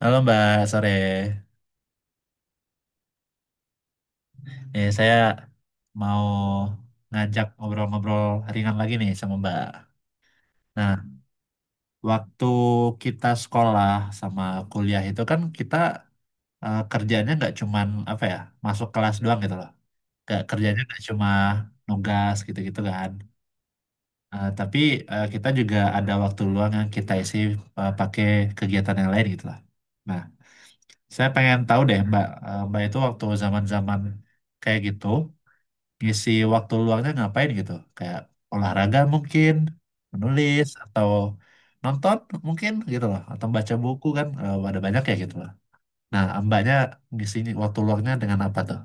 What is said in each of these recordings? Halo Mbak, sore. Nih, saya mau ngajak ngobrol-ngobrol ringan lagi nih sama Mbak. Nah, waktu kita sekolah sama kuliah itu kan kita kerjanya nggak cuman apa ya, masuk kelas doang gitu loh. Nggak, kerjanya nggak cuma nugas gitu-gitu kan. Tapi kita juga ada waktu luang yang kita isi pakai kegiatan yang lain gitu lah. Nah, saya pengen tahu deh Mbak, Mbak itu waktu zaman-zaman kayak gitu, ngisi waktu luangnya ngapain gitu? Kayak olahraga mungkin, menulis atau nonton mungkin gitu loh, atau baca buku kan ada banyak ya gitu loh. Nah, mbaknya ngisi waktu luangnya dengan apa tuh?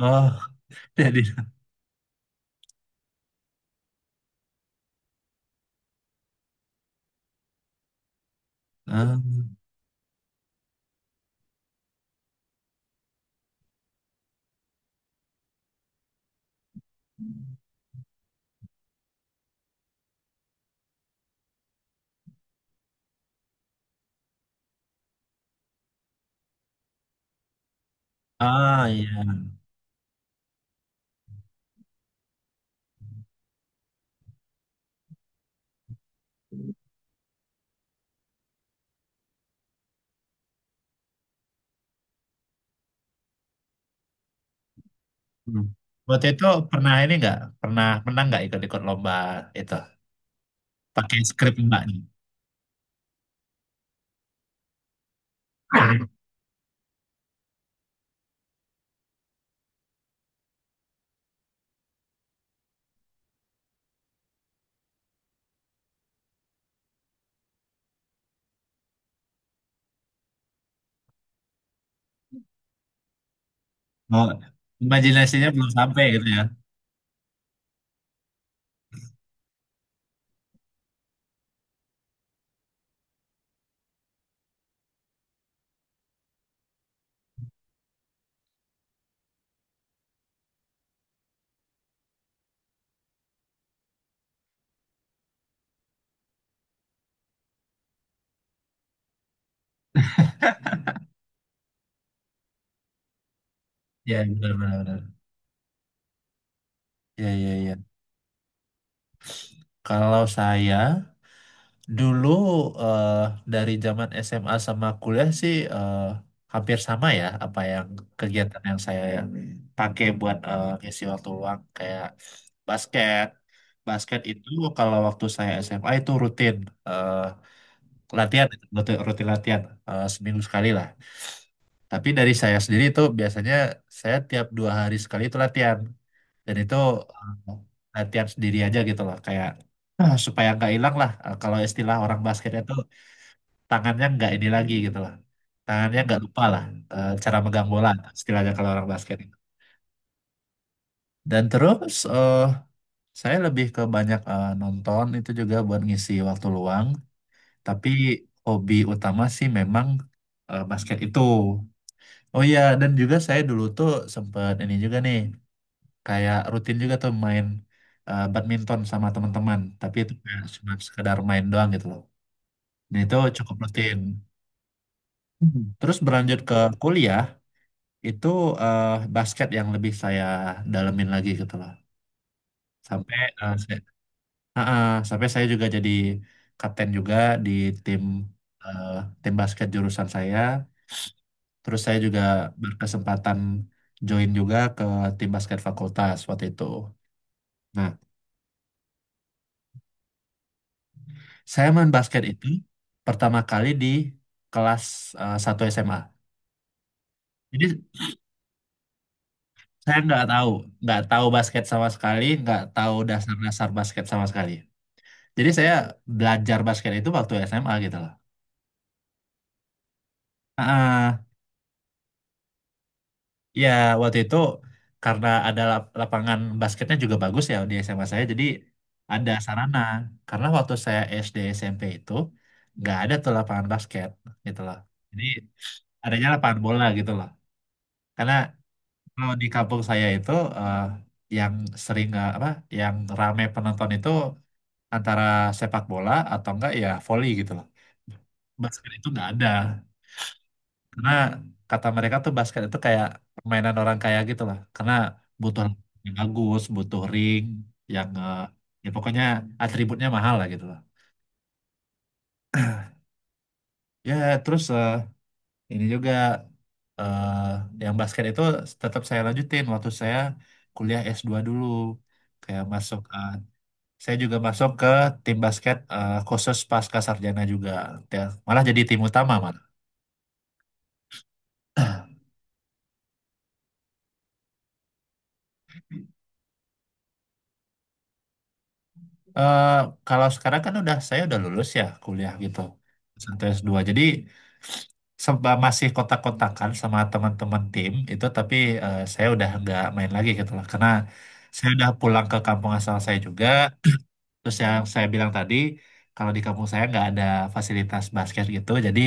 Oh, jadi ah iya. Hmm. Waktu itu pernah ini nggak, pernah menang nggak ikut-ikut lomba itu pakai skrip mbak nih? Oh, imajinasinya belum sampai gitu ya? Ya benar-benar. Ya, ya, ya. Kalau saya dulu, eh, dari zaman SMA sama kuliah sih hampir sama ya, apa yang kegiatan yang saya pakai buat ngisi waktu luang, kayak basket. Basket itu kalau waktu saya SMA itu rutin eh, latihan, rutin latihan seminggu sekali lah. Tapi dari saya sendiri itu biasanya saya tiap 2 hari sekali itu latihan, dan itu eh, latihan sendiri aja gitu loh, kayak supaya nggak hilang lah. Kalau istilah orang basket itu tangannya nggak ini lagi gitu lah. Tangannya nggak lupa lah, cara megang bola istilahnya kalau orang basket itu. Dan terus, saya lebih ke banyak, nonton itu juga buat ngisi waktu luang. Tapi hobi utama sih memang basket itu. Oh iya, dan juga saya dulu tuh sempat ini juga nih, kayak rutin juga tuh main badminton sama teman-teman. Tapi itu kayak cuma sekedar main doang gitu loh. Dan itu cukup rutin. Hmm. Terus berlanjut ke kuliah, itu eh, basket yang lebih saya dalemin lagi gitu loh. Sampai eh, saya, Ah, ah, sampai saya juga jadi kapten juga di tim eh, tim basket jurusan saya. Terus saya juga berkesempatan join juga ke tim basket fakultas waktu itu. Nah, saya main basket itu pertama kali di kelas 1 SMA. Jadi saya nggak tahu basket sama sekali, nggak tahu dasar-dasar basket sama sekali. Jadi saya belajar basket itu waktu SMA gitu loh. Ah, ya waktu itu karena ada lapangan basketnya juga bagus ya di SMA saya, jadi ada sarana. Karena waktu saya SD SMP itu nggak ada tuh lapangan basket gitu loh. Jadi adanya lapangan bola gitu loh. Karena kalau di kampung saya itu eh, yang sering, apa, yang rame penonton itu antara sepak bola atau enggak ya volley gitu loh. Basket itu nggak ada. Karena kata mereka tuh basket itu kayak permainan orang kaya gitu lah, karena butuh lapangan yang bagus, butuh ring yang eh, ya pokoknya atributnya mahal lah gitu lah. Ya terus, ini juga, yang basket itu tetap saya lanjutin waktu saya kuliah S2 dulu, kayak saya juga masuk ke tim basket khusus pasca sarjana juga. Ya, malah jadi tim utama malah. Eh, kalau sekarang kan udah, saya udah lulus ya kuliah gitu sampai S2, jadi masih kotak-kotakan sama teman-teman tim itu, tapi saya udah nggak main lagi gitu lah, karena saya udah pulang ke kampung asal saya juga. Terus yang saya bilang tadi, kalau di kampung saya nggak ada fasilitas basket gitu, jadi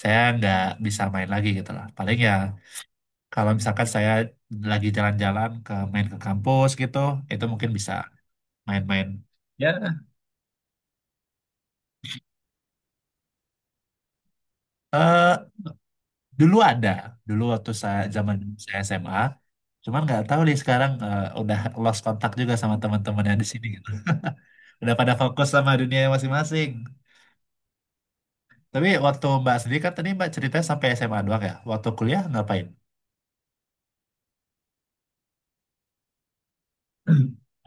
saya nggak bisa main lagi gitu lah, paling ya kalau misalkan saya lagi jalan-jalan ke main ke kampus gitu, itu mungkin bisa main-main ya. Dulu ada, dulu waktu saya zaman saya SMA, cuman nggak tahu deh sekarang, udah lost kontak juga sama teman-teman yang di sini gitu. Udah pada fokus sama dunia masing-masing. Tapi waktu Mbak sendiri kan tadi Mbak ceritanya sampai SMA doang ya. Waktu kuliah ngapain?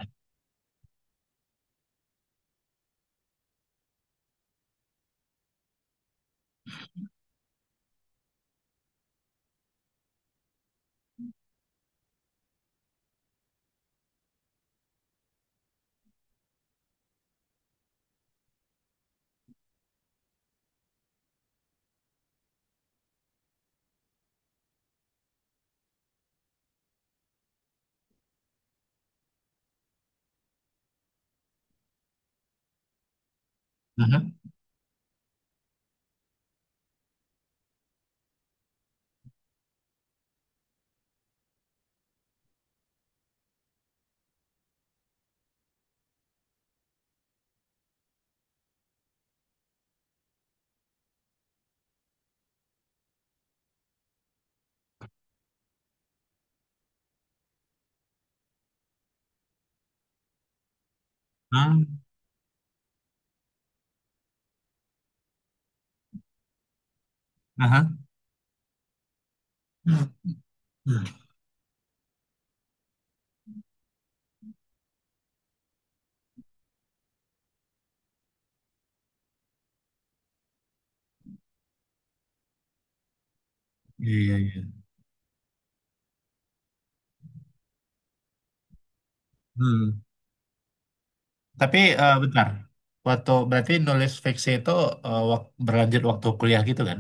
Aha. Ah, aha. Hmm. Iya, iya, iya. Hmm. Tapi, bentar. Waktu berarti nulis fiksi itu, berlanjut waktu kuliah gitu kan?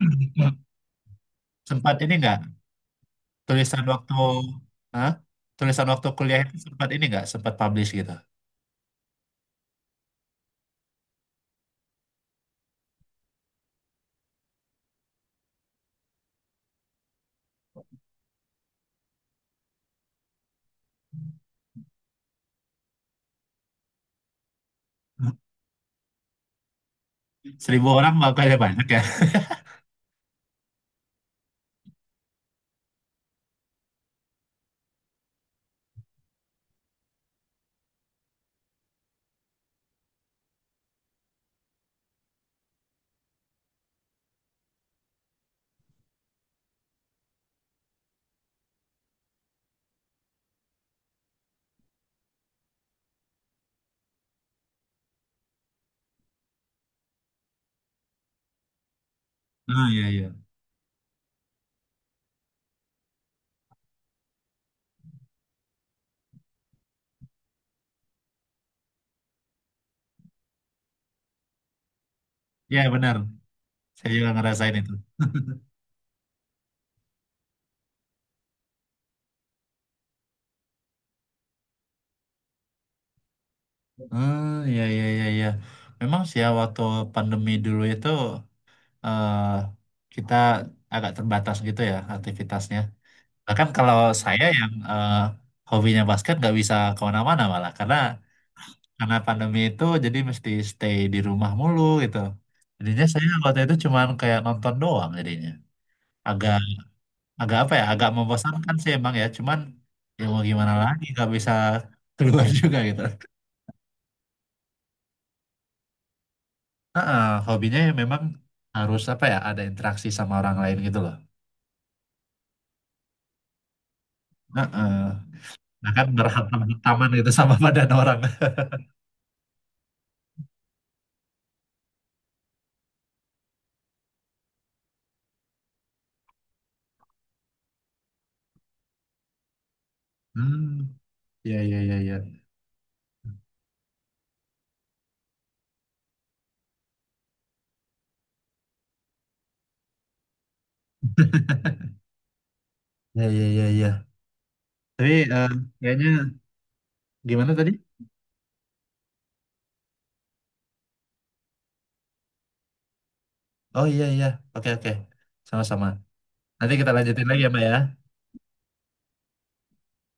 Sempat ini nggak, tulisan waktu. Hah? Tulisan waktu kuliah itu sempat ini nggak, sempat publish gitu? 1.000 orang, makanya banyak ya. Oh, iya, iya. Ya benar, saya juga ngerasain itu. Hmm. Iya, iya, iya, iya, memang sih ya, waktu pandemi dulu itu, eh kita agak terbatas gitu ya aktivitasnya. Bahkan kalau saya yang hobinya basket nggak bisa kemana-mana, malah karena pandemi itu jadi mesti stay di rumah mulu gitu. Jadinya saya waktu itu cuman kayak nonton doang jadinya. Agak agak apa ya? Agak membosankan sih emang ya. Cuman ya mau gimana lagi, nggak bisa keluar juga gitu. Heeh, hobinya ya memang harus apa ya? Ada interaksi sama orang lain gitu loh. Heeh. Nah kan berhantam-hantaman gitu sama badan orang. Hmm. Ya, ya, ya, ya, ya, ya, iya, iya. Tapi kayaknya gimana tadi? Oh, iya, iya. Oke, oke. Sama-sama. Nanti kita lanjutin lagi ya Mbak ya.